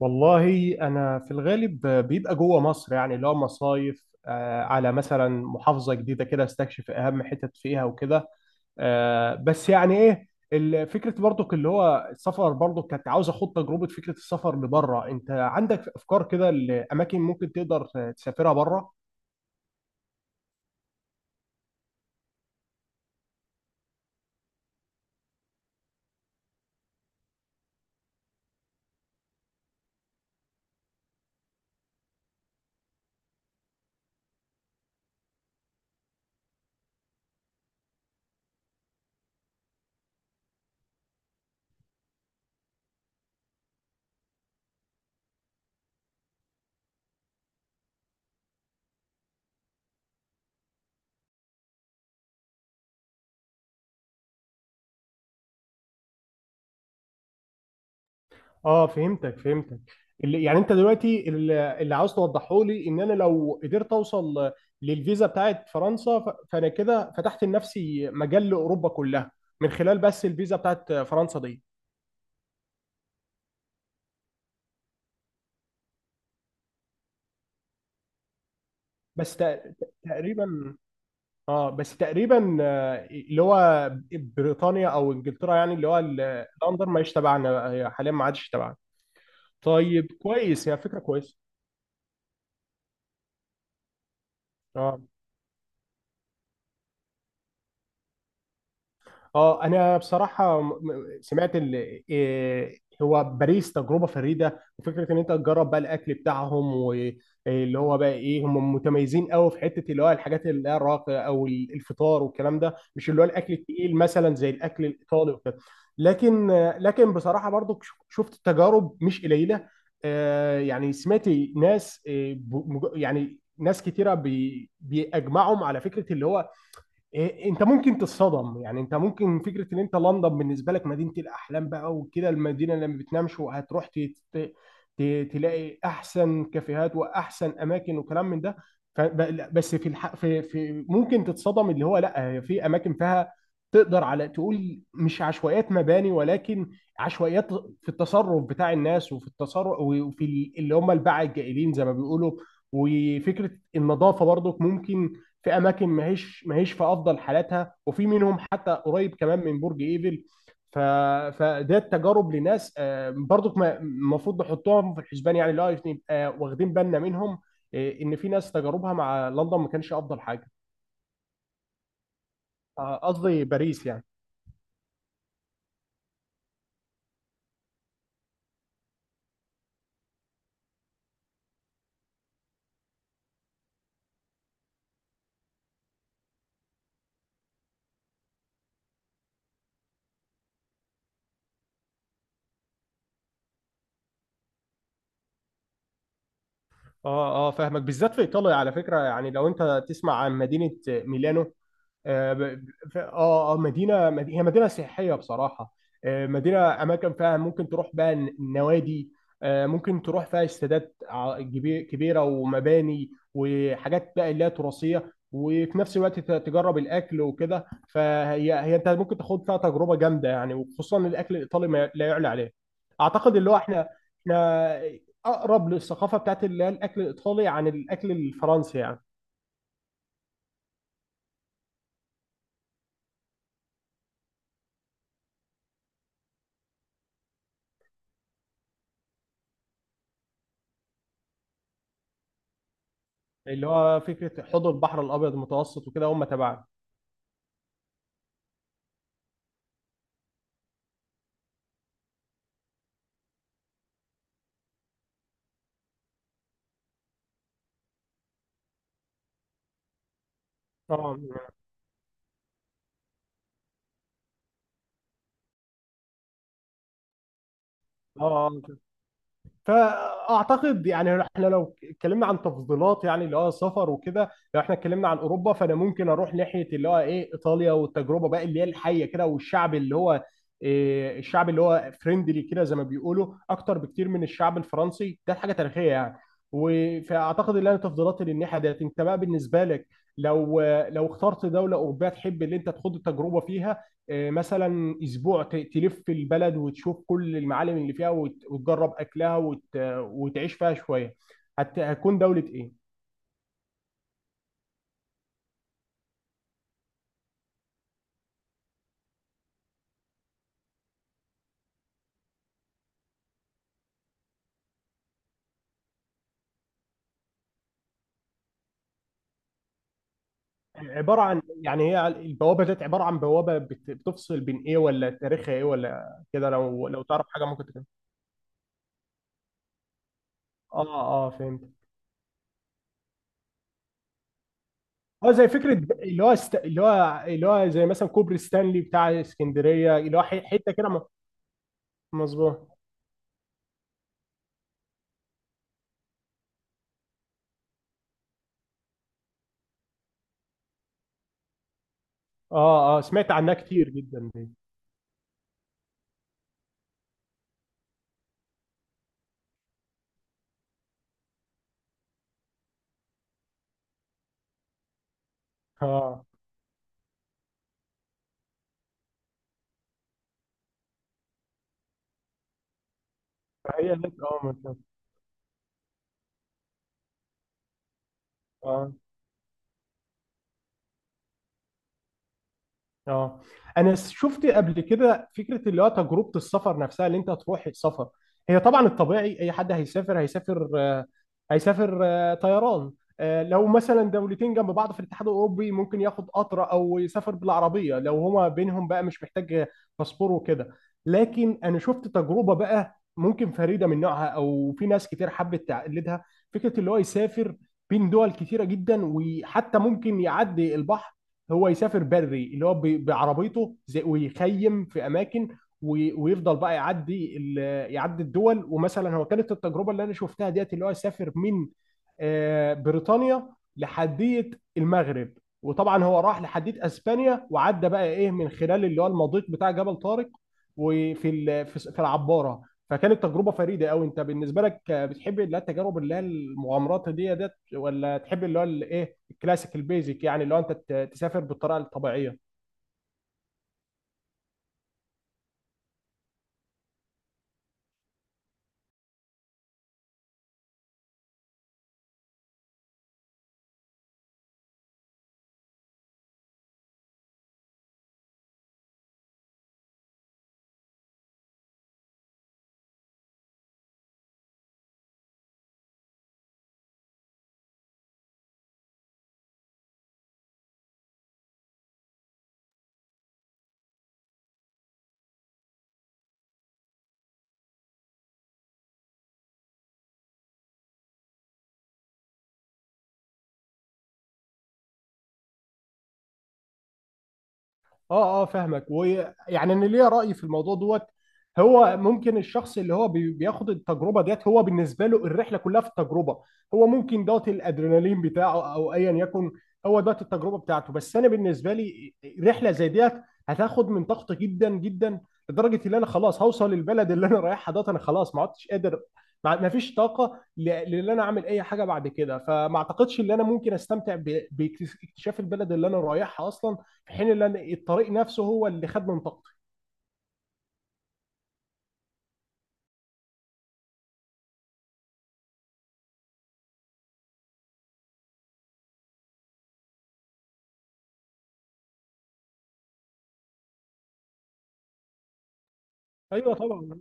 والله انا في الغالب بيبقى جوه مصر، يعني اللي هو مصايف، على مثلا محافظه جديده كده، استكشف اهم حتت فيها وكده. بس يعني ايه فكره برضك اللي هو السفر، برضك كانت عاوز اخد تجربه فكره السفر لبره. انت عندك افكار كده لاماكن ممكن تقدر تسافرها بره؟ اه، فهمتك فهمتك. اللي يعني انت دلوقتي اللي عاوز توضحه لي ان انا لو قدرت اوصل للفيزا بتاعت فرنسا، فانا كده فتحت لنفسي مجال لاوروبا كلها من خلال بس الفيزا بتاعت فرنسا دي. بس تق- تقريبا. اه، بس تقريبا. اللي هو بريطانيا او انجلترا، يعني اللي هو لندن، ما يشتبعنا حاليا، ما عادش تبعنا. طيب، كويس. هي فكره كويسه. اه، اه، انا بصراحه سمعت إيه، هو باريس تجربه فريده، وفكره ان انت تجرب بقى الاكل بتاعهم. واللي هو بقى ايه، هم متميزين قوي في حته اللي هو الحاجات اللي هي الراقيه او الفطار والكلام ده، مش اللي هو الاكل التقيل مثلا زي الاكل الايطالي وكده. لكن لكن بصراحه برضو شفت تجارب مش قليله. يعني سمعت ناس، يعني ناس كتيره بيجمعهم على فكره اللي هو انت ممكن تتصدم. يعني انت ممكن فكره ان انت لندن بالنسبه لك مدينه الاحلام بقى، وكده المدينه اللي ما بتنامش، وهتروح ت- تلاقي احسن كافيهات واحسن اماكن وكلام من ده. بس في الحق، في ممكن تتصدم. اللي هو، لا، هي في اماكن فيها تقدر على تقول مش عشوائيات مباني، ولكن عشوائيات في التصرف بتاع الناس، وفي التصرف، وفي اللي هم الباعة الجائلين زي ما بيقولوا. وفكره النظافه برضك، ممكن في اماكن ماهيش في افضل حالاتها، وفي منهم حتى قريب كمان من برج ايفل. ف... فده التجارب لناس، برضك المفروض نحطهم في الحسبان، يعني اللي هو نبقى واخدين بالنا منهم. ان في ناس تجاربها مع لندن ما كانش افضل حاجه. قصدي باريس يعني. اه، اه، فاهمك. بالذات في ايطاليا، على فكره، يعني لو انت تسمع عن مدينه ميلانو. اه. هي مدينه سياحيه بصراحه. مدينه، اماكن فيها ممكن تروح بقى النوادي. ممكن تروح فيها استادات كبيره، ومباني وحاجات بقى اللي هي تراثيه، وفي نفس الوقت تجرب الاكل وكده. فهي انت ممكن تاخد فيها تجربه جامده يعني، وخصوصا الاكل الايطالي ما لا يعلى عليه. اعتقد اللي هو احنا اقرب للثقافه بتاعت اللي هي الاكل الايطالي عن الاكل الفرنسي يعني. اللي هو فكره حوض البحر الابيض المتوسط وكده، هم تبعنا. اه، اه. آه. فاعتقد يعني احنا لو اتكلمنا عن تفضيلات، يعني اللي هو سفر وكده، لو احنا اتكلمنا عن اوروبا، فانا ممكن اروح ناحيه اللي هو ايه، ايطاليا، والتجربه بقى اللي هي الحيه كده، والشعب اللي هو الشعب اللي هو فريندلي كده زي ما بيقولوا، اكتر بكتير من الشعب الفرنسي، ده حاجه تاريخيه يعني. فاعتقد ان انا تفضيلاتي للناحيه ديت. انت بقى بالنسبه لك، لو لو اخترت دوله اوروبيه تحب اللي انت تخوض التجربه فيها، مثلا اسبوع تلف البلد وتشوف كل المعالم اللي فيها، وتجرب اكلها، وتعيش فيها شويه، هتكون دوله ايه؟ عباره عن، يعني هي البوابه ديت عباره عن بوابه بتفصل بين ايه، ولا تاريخها ايه، ولا كده؟ لو تعرف حاجه ممكن تكون. اه، اه، فهمت. هو زي فكره، اللي هو اللي هو زي مثلا كوبري ستانلي بتاع اسكندريه، اللي هو حته كده مظبوط. اه، اه، سمعت عنها كتير جدا دي. اه. فهي هناك، اه، ممكن. اه، اه، انا شفت قبل كده فكره اللي هو تجربه السفر نفسها اللي انت تروح سفر. هي طبعا الطبيعي اي حد هيسافر، هيسافر طيران. لو مثلا دولتين جنب بعض في الاتحاد الاوروبي، ممكن ياخد قطر او يسافر بالعربيه، لو هما بينهم بقى مش محتاج باسبور وكده. لكن انا شفت تجربه بقى ممكن فريده من نوعها، او في ناس كتير حبت تقلدها، فكره اللي هو يسافر بين دول كتيره جدا، وحتى ممكن يعدي البحر. هو يسافر بري، اللي هو بعربيته زي، ويخيم في اماكن، ويفضل بقى يعدي يعدي الدول. ومثلا هو كانت التجربه اللي انا شفتها ديت اللي هو يسافر من بريطانيا لحديه المغرب. وطبعا هو راح لحديه اسبانيا، وعدى بقى ايه من خلال اللي هو المضيق بتاع جبل طارق، وفي ال- في في العباره. فكانت تجربه فريده قوي. انت بالنسبه لك، بتحب اللي هي التجارب اللي هي المغامرات دي ديت، ولا تحب اللي هو الايه، كلاسيك البيزك، يعني لو انت تسافر بالطريقه الطبيعيه؟ اه، اه، فاهمك. ويعني انا ليا رأي في الموضوع دوت. هو ممكن الشخص اللي هو بياخد التجربه ديت، هو بالنسبه له الرحله كلها في التجربه. هو ممكن دوت الادرينالين بتاعه، او ايا يكن، هو دوت التجربه بتاعته. بس انا بالنسبه لي، رحله زي ديت هتاخد من طاقتي جدا جدا، لدرجه ان انا خلاص هوصل البلد اللي انا رايحها دوت، انا خلاص ما عدتش قادر. ما فيش طاقه لان انا اعمل اي حاجه بعد كده. فما اعتقدش ان انا ممكن استمتع باكتشاف البلد اللي انا رايحها اصلا، في حين ان أنا الطريق نفسه هو اللي خد منطقتي. ايوه، طبعا.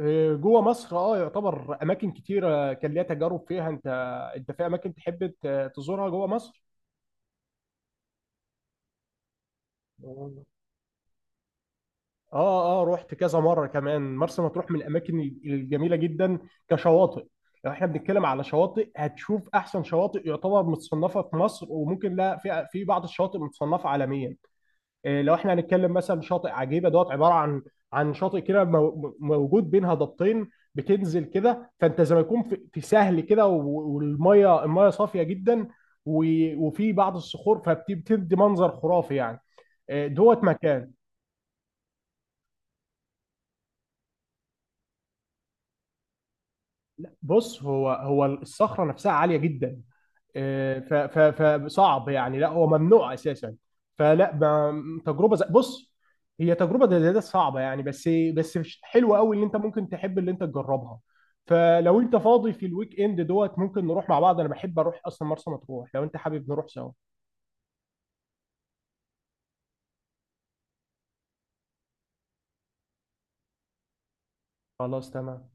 جوه مصر اه يعتبر اماكن كتيره كان ليها تجارب فيها. انت في اماكن تحب تزورها جوه مصر؟ اه، اه، رحت كذا مره كمان. مرسى مطروح من الاماكن الجميله جدا، كشواطئ. لو احنا بنتكلم على شواطئ، هتشوف احسن شواطئ يعتبر متصنفه في مصر، وممكن لا في بعض الشواطئ متصنفه عالميا. لو احنا هنتكلم مثلا، شاطئ عجيبه دوت عباره عن عن شاطئ كده موجود بين هضبتين، بتنزل كده، فانت زي ما يكون في سهل كده، والميه صافيه جدا، وفي بعض الصخور، فبتدي منظر خرافي يعني. دوت مكان. بص، هو الصخره نفسها عاليه جدا. فصعب يعني. لا، هو ممنوع اساسا. فلا، تجربه زي بص، هي تجربه زي ده صعبه يعني، بس حلوه قوي، اللي انت ممكن تحب اللي انت تجربها. فلو انت فاضي في الويك اند دوت، ممكن نروح مع بعض. انا بحب اروح اصلا مرسى مطروح، لو انت حابب نروح سوا. خلاص، تمام.